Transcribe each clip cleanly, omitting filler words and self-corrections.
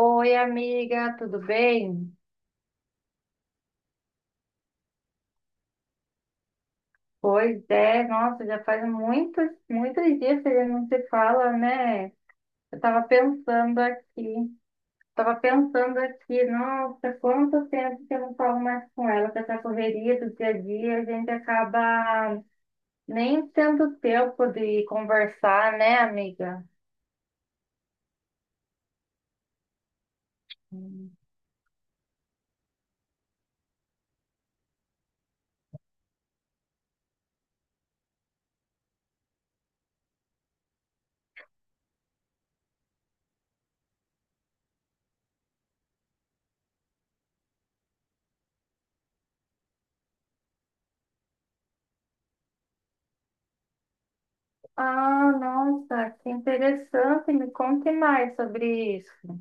Oi, amiga, tudo bem? Pois é, nossa, já faz muitos, muitos dias que a gente não se fala, né? Eu tava pensando aqui, nossa, quanto tempo que eu não falo mais com ela, com essa correria do dia a dia, a gente acaba nem tendo tempo de conversar, né, amiga? Ah, nossa, que interessante, me conte mais sobre isso.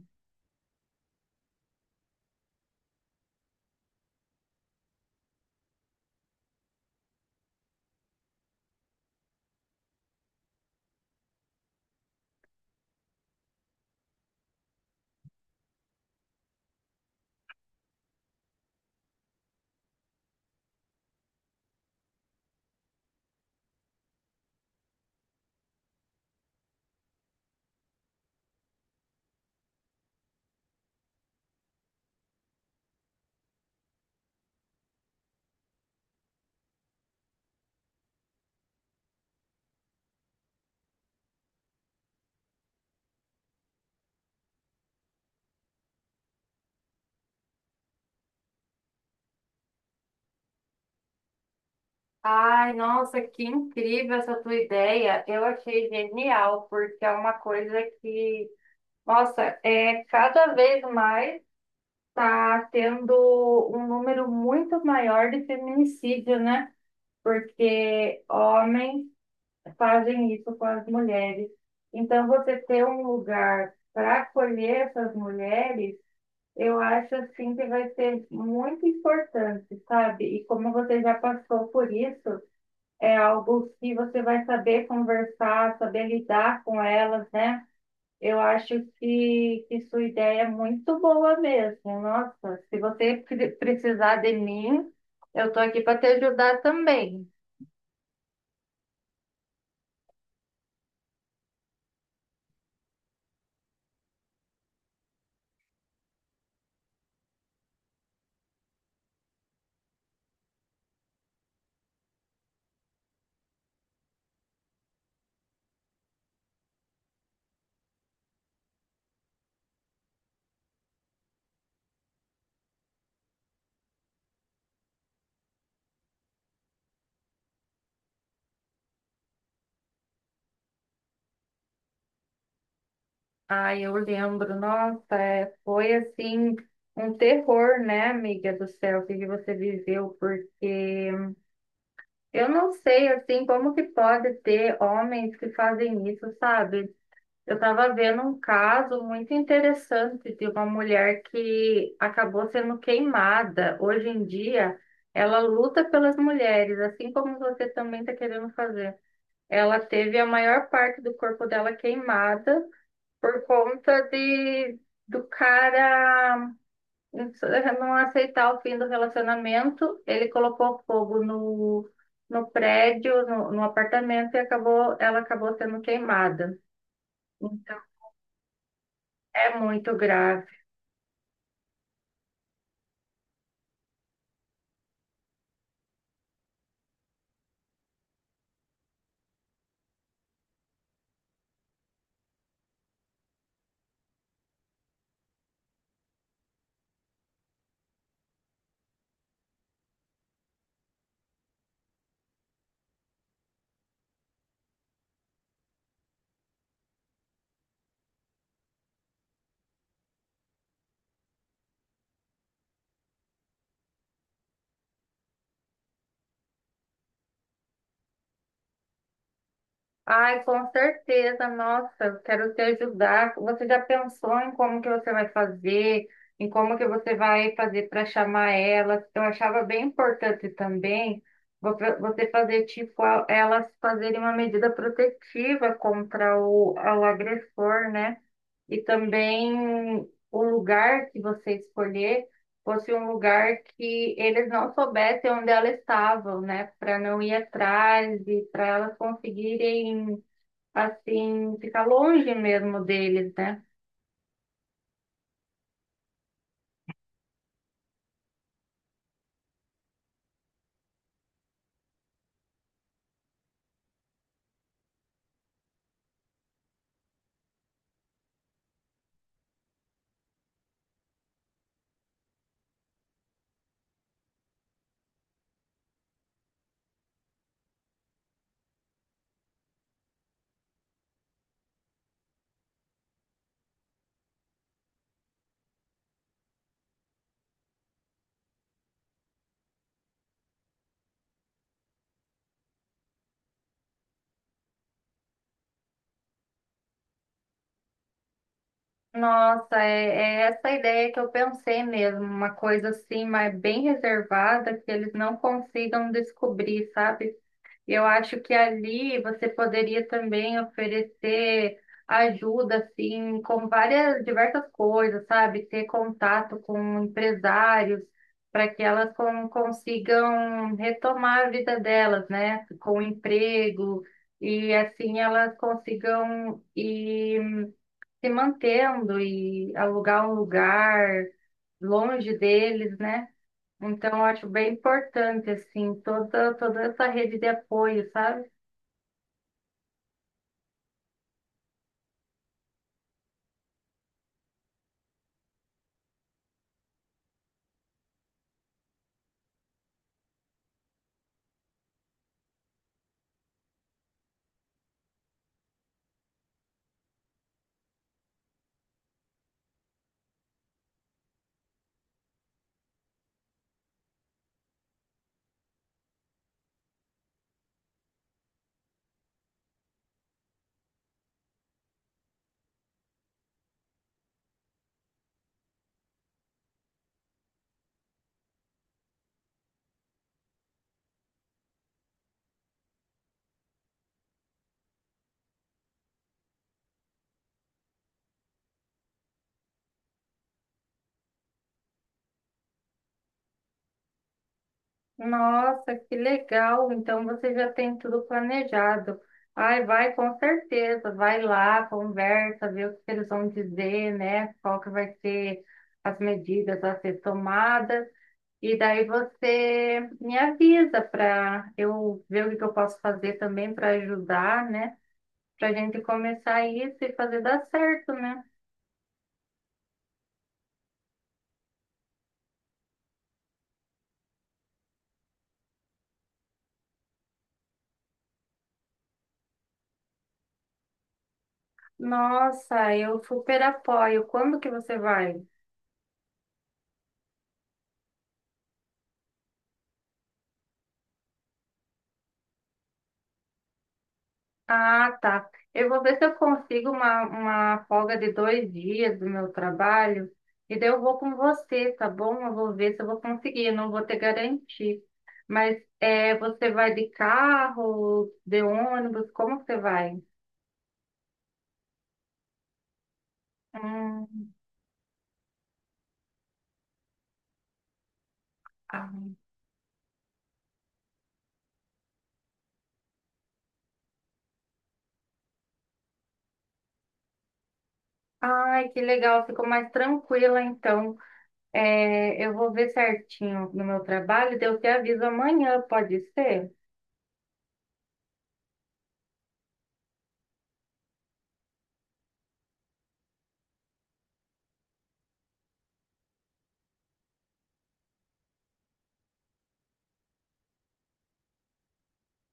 Ai, nossa, que incrível essa tua ideia. Eu achei genial, porque é uma coisa que, nossa, é cada vez mais tá tendo um número muito maior de feminicídio, né? Porque homens fazem isso com as mulheres. Então, você ter um lugar para acolher essas mulheres, eu acho assim que vai ser muito importante, sabe? E como você já passou por isso, é algo que você vai saber conversar, saber lidar com elas, né? Eu acho que sua ideia é muito boa mesmo. Nossa, se você precisar de mim, eu estou aqui para te ajudar também. Ah, eu lembro, nossa, é, foi assim um terror, né, amiga do céu, que você viveu, porque eu não sei assim como que pode ter homens que fazem isso, sabe? Eu estava vendo um caso muito interessante de uma mulher que acabou sendo queimada. Hoje em dia, ela luta pelas mulheres, assim como você também está querendo fazer. Ela teve a maior parte do corpo dela queimada por conta de do cara não aceitar o fim do relacionamento. Ele colocou fogo no prédio, no apartamento e acabou, ela acabou sendo queimada. Então, é muito grave. Ai, com certeza, nossa, eu quero te ajudar. Você já pensou em como que você vai fazer, em como que você vai fazer para chamar elas? Eu achava bem importante também você fazer tipo elas fazerem uma medida protetiva contra o agressor, né? E também o lugar que você escolher fosse um lugar que eles não soubessem onde elas estavam, né? Para não ir atrás e para elas conseguirem assim, ficar longe mesmo deles, né? Nossa, é, é essa ideia que eu pensei mesmo, uma coisa assim, mas bem reservada, que eles não consigam descobrir, sabe? Eu acho que ali você poderia também oferecer ajuda, assim, com várias, diversas coisas, sabe? Ter contato com empresários para que elas consigam retomar a vida delas, né? Com emprego e assim elas consigam ir se mantendo e alugar um lugar longe deles, né? Então, eu acho bem importante, assim, toda, toda essa rede de apoio, sabe? Nossa, que legal! Então, você já tem tudo planejado. Ai, vai com certeza, vai lá, conversa, vê o que eles vão dizer, né? Qual que vai ser as medidas a ser tomadas. E daí você me avisa para eu ver o que que eu posso fazer também para ajudar, né? Pra gente começar isso e fazer dar certo, né? Nossa, eu super apoio. Quando que você vai? Ah, tá. Eu vou ver se eu consigo uma folga de 2 dias do meu trabalho e daí eu vou com você, tá bom? Eu vou ver se eu vou conseguir, eu não vou ter garantir. Mas é, você vai de carro, de ônibus, como que você vai? Hum. Ai, que legal, ficou mais tranquila então. É, eu vou ver certinho no meu trabalho, daí eu te aviso amanhã, pode ser?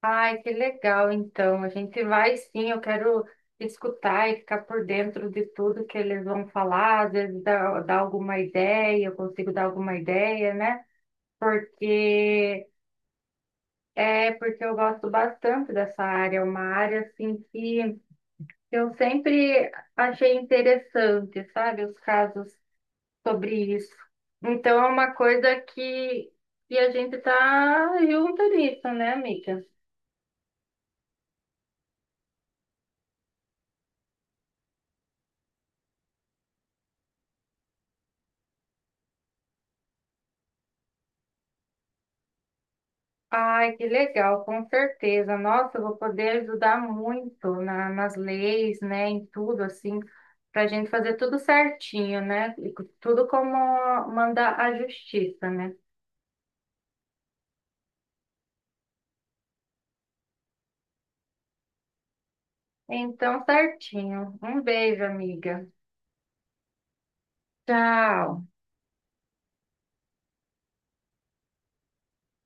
Ai, que legal, então. A gente vai sim, eu quero escutar e ficar por dentro de tudo que eles vão falar, às vezes dar, dar alguma ideia, eu consigo dar alguma ideia, né? Porque é porque eu gosto bastante dessa área, é uma área assim que eu sempre achei interessante, sabe? Os casos sobre isso. Então é uma coisa que a gente tá junto nisso, né, amiga? Ai, que legal, com certeza. Nossa, eu vou poder ajudar muito nas leis, né, em tudo, assim, para a gente fazer tudo certinho, né? E tudo como manda a justiça, né? Então, certinho. Um beijo, amiga. Tchau.